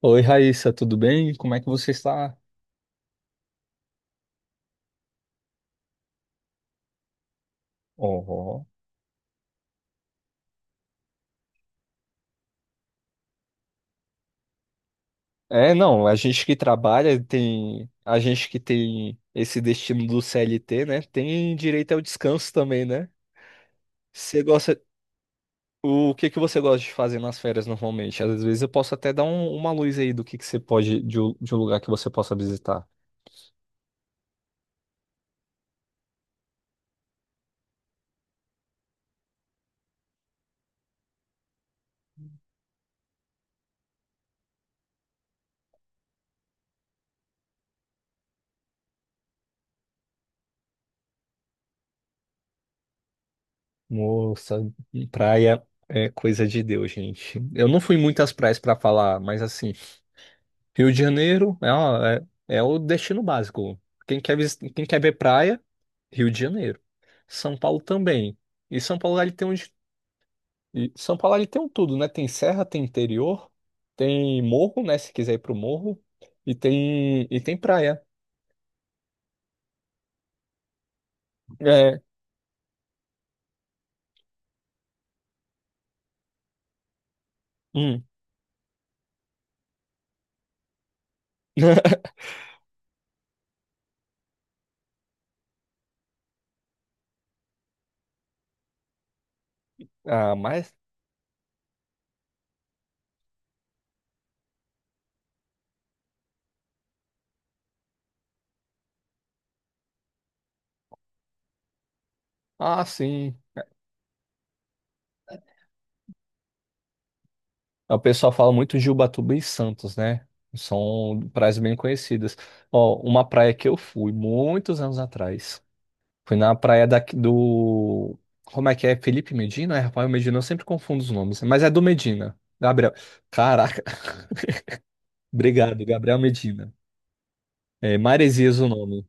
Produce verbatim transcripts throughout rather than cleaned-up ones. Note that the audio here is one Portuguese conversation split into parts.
Oi, Raíssa, tudo bem? Como é que você está? Uhum. É, não, a gente que trabalha tem, a gente que tem esse destino do C L T, né? Tem direito ao descanso também, né? Você gosta, o que que você gosta de fazer nas férias normalmente? Às vezes eu posso até dar um- uma luz aí do que que você pode, de, um de um lugar que você possa visitar. Moça, praia é coisa de Deus, gente. Eu não fui em muitas praias para falar, mas assim, Rio de Janeiro é, uma- é, é o destino básico. Quem quer, vis- quem quer ver praia, Rio de Janeiro. São Paulo também. E São Paulo ele tem um, de- e São Paulo ele tem um tudo, né? Tem serra, tem interior, tem morro, né? Se quiser ir pro morro, e tem e tem praia. É, hum. Ah, mas ah, sim. É, o pessoal fala muito de Ubatuba e Santos, né? São praias bem conhecidas. Ó, uma praia que eu fui muitos anos atrás. Fui na praia da, do. Como é que é? Felipe Medina? É, Rafael Medina, eu sempre confundo os nomes. Mas é do Medina. Gabriel. Caraca, obrigado, Gabriel Medina. É, Maresias o nome.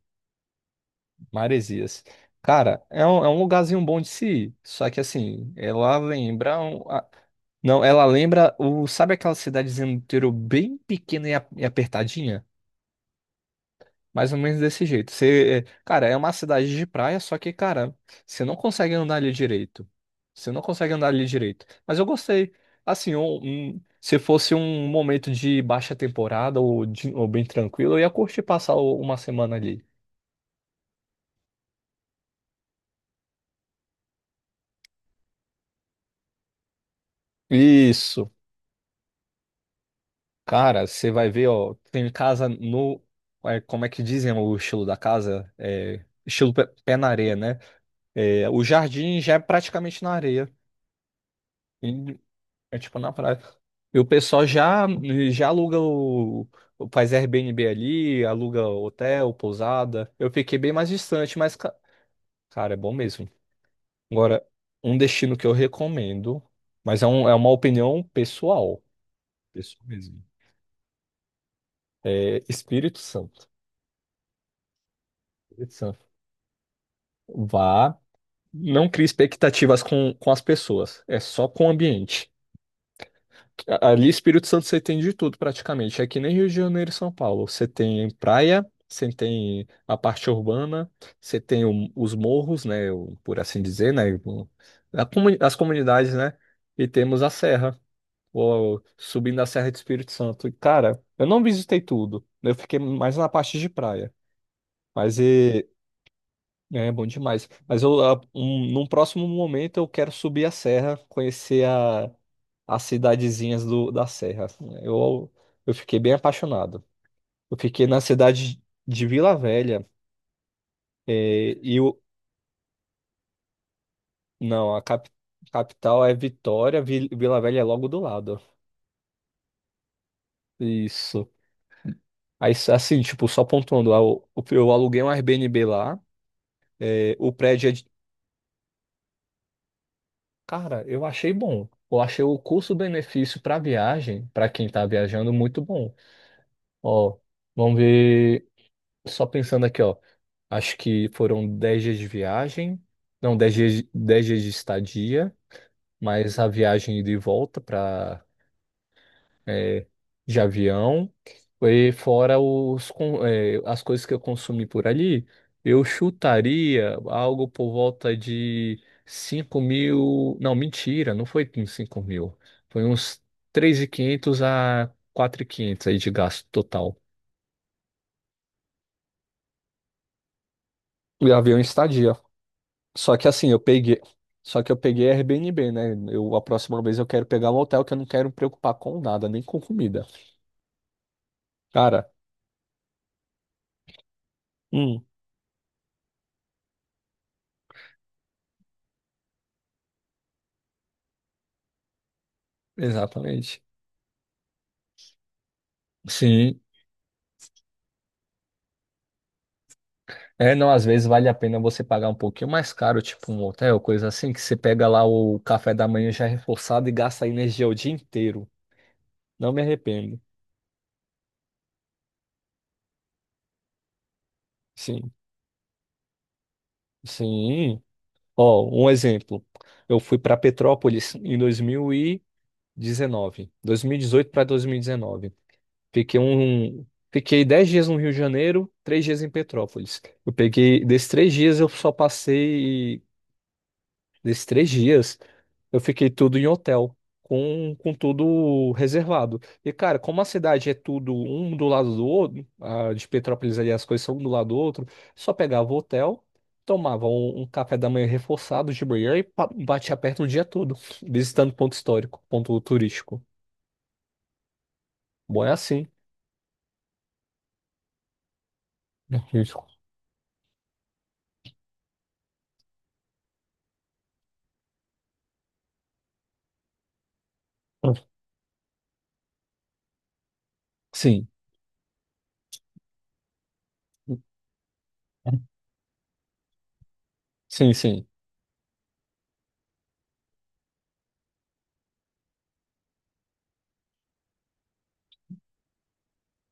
Maresias. Cara, é um, é um lugarzinho bom de se ir. Só que assim, ela lembra. um- a- Não, ela lembra o. Sabe aquela cidadezinha no interior bem pequena e a- e apertadinha? Mais ou menos desse jeito. Você, cara, é uma cidade de praia, só que, cara, você não consegue andar ali direito. Você não consegue andar ali direito. Mas eu gostei. Assim, um- um- se fosse um momento de baixa temporada ou, de- ou bem tranquilo, eu ia curtir passar o- uma semana ali. Isso. Cara, você vai ver, ó, tem casa no. É, como é que dizem o estilo da casa? É, estilo pé, pé na areia, né? É, o jardim já é praticamente na areia. É tipo na praia. E o pessoal já, já aluga o. Faz Airbnb ali, aluga hotel, pousada. Eu fiquei bem mais distante, mas, ca- cara, é bom mesmo. Agora, um destino que eu recomendo, mas é, um, é uma opinião pessoal. Pessoal mesmo. É Espírito Santo. Espírito Santo. Vá. Não crie expectativas com, com as pessoas. É só com o ambiente. A- Ali, Espírito Santo, você tem de tudo praticamente. É que nem Rio de Janeiro e São Paulo. Você tem praia, você tem a parte urbana, você tem o- os morros, né? O- por assim dizer, né? O- a comuni- as comunidades, né? E temos a serra, ou, subindo a Serra de Espírito Santo. E, cara, eu não visitei tudo. Né? Eu fiquei mais na parte de praia. Mas e- né, é bom demais. Mas eu, a- um- num próximo momento eu quero subir a serra, conhecer a as cidadezinhas do, da Serra, assim, né? Eu, eu fiquei bem apaixonado. Eu fiquei na cidade de Vila Velha, eh, e o, não, a cap- capital é Vitória, Vi- Vila Velha é logo do lado. Isso. Aí, assim, tipo, só pontuando, eu, eu aluguei um Airbnb lá, eh, o prédio é de... Cara, eu achei bom. Eu achei o custo-benefício para viagem, para quem tá viajando, muito bom. Ó, vamos ver. Só pensando aqui, ó. Acho que foram dez dias de viagem. Não, dez dias, de- dez dias de estadia, mas a viagem ida e volta para de avião. E fora os, con- é, as coisas que eu consumi por ali, eu chutaria algo por volta de cinco mil. Não, mentira, não foi uns cinco mil. Foi uns três mil e quinhentos a quatro mil e quinhentos aí de gasto total. E avião e estadia. Só que assim, eu peguei. Só que eu peguei Airbnb, né? Eu, a próxima vez eu quero pegar um hotel que eu não quero me preocupar com nada, nem com comida. Cara, hum, exatamente. Sim. É, não, às vezes vale a pena você pagar um pouquinho mais caro, tipo um hotel, coisa assim, que você pega lá o café da manhã já reforçado e gasta energia o dia inteiro. Não me arrependo. Sim. Sim. Ó, um exemplo. Eu fui para Petrópolis em dois dois mil mil e dezenove, dois mil e dezoito para dois mil dezenove. Fiquei um, fiquei dez dias no Rio de Janeiro, três dias em Petrópolis. Eu peguei, desses três dias eu só passei, desses três dias eu fiquei tudo em hotel, com, com tudo reservado. E cara, como a cidade é tudo um do lado do outro, a de Petrópolis ali as coisas são um do lado do outro, só pegava o hotel, tomava um, um café da manhã reforçado de manhã e pa- batia perto o dia todo, visitando ponto histórico, ponto turístico. Bom, é assim. Sim. Sim, sim.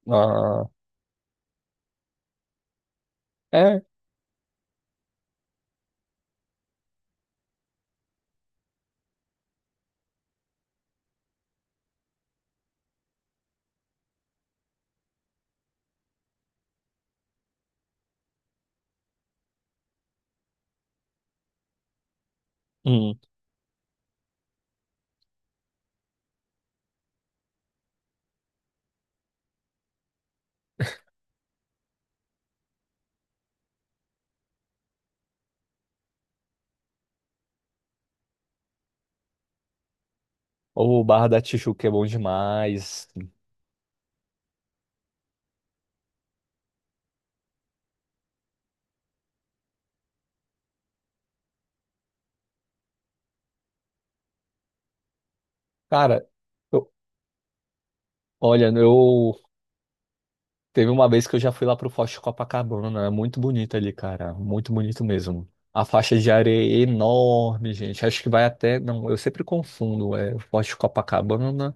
Ah, é. Hum. O Barra da Tijuca é bom demais. Cara, eu- olha, eu teve uma vez que eu já fui lá pro Forte de Copacabana. É muito bonito ali, cara. Muito bonito mesmo. A faixa de areia é enorme, gente. Acho que vai até. Não, eu sempre confundo. É o Forte de Copacabana.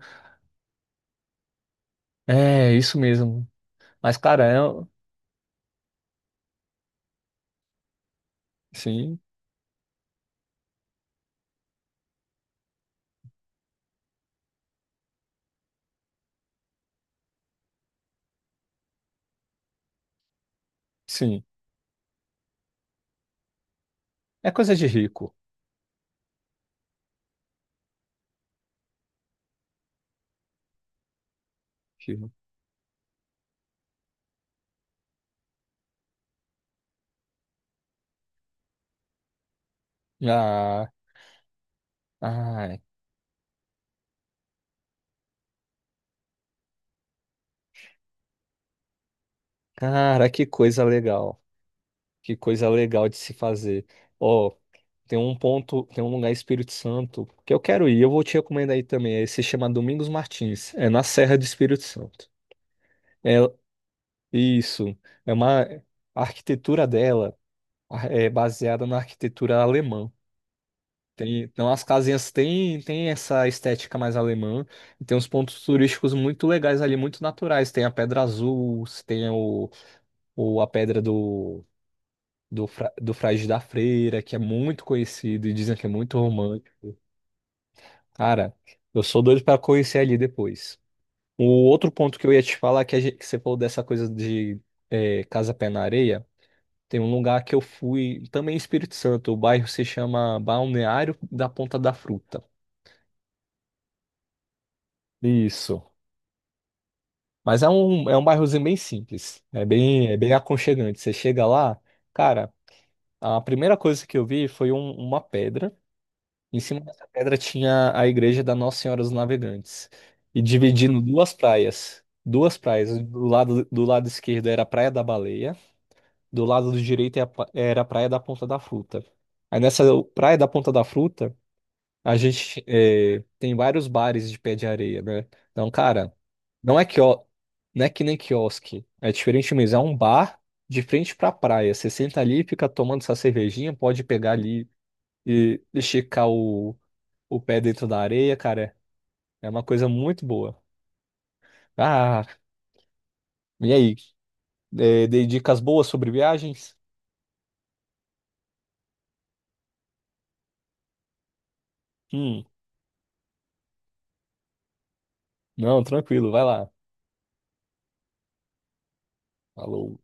É, isso mesmo. Mas, cara, é... Sim, sim. É coisa de rico. Rico. Ah, ai, cara, que coisa legal. Que coisa legal de se fazer. Ó, tem um ponto, tem um lugar em Espírito Santo que eu quero ir. Eu vou te recomendar aí também. é Esse se chama Domingos Martins. É na Serra do Espírito Santo. É isso. É uma A arquitetura dela a- é baseada na arquitetura alemã. Tem, então as casinhas têm tem essa estética mais alemã e tem uns pontos turísticos muito legais ali, muito naturais. Tem a Pedra Azul, tem o, o a Pedra do do, Fra- do Frade da Freira, que é muito conhecido e dizem que é muito romântico. Cara, eu sou doido para conhecer ali depois. O outro ponto que eu ia te falar, que, a gente, que você falou dessa coisa de é, Casa Pé na Areia, tem um lugar que eu fui, também em Espírito Santo, o bairro se chama Balneário da Ponta da Fruta. Isso. Mas é um, é um bairrozinho bem simples, é bem, é bem aconchegante. Você chega lá, cara, a primeira coisa que eu vi foi um- uma pedra. Em cima dessa pedra tinha a igreja da Nossa Senhora dos Navegantes. E dividindo duas praias. Duas praias. Do lado, do lado esquerdo era a Praia da Baleia. Do lado do direito era a pa- era a Praia da Ponta da Fruta. Aí nessa Praia da Ponta da Fruta, a gente eh, tem vários bares de pé de areia, né? Então, cara, não é que, não é que nem quiosque. É diferente mesmo. É um bar de frente pra praia. Você senta ali, fica tomando essa cervejinha, pode pegar ali e esticar o o pé dentro da areia, cara, é uma coisa muito boa. Ah, e aí? É, dei dicas boas sobre viagens? Hum, não, tranquilo, vai lá. Falou.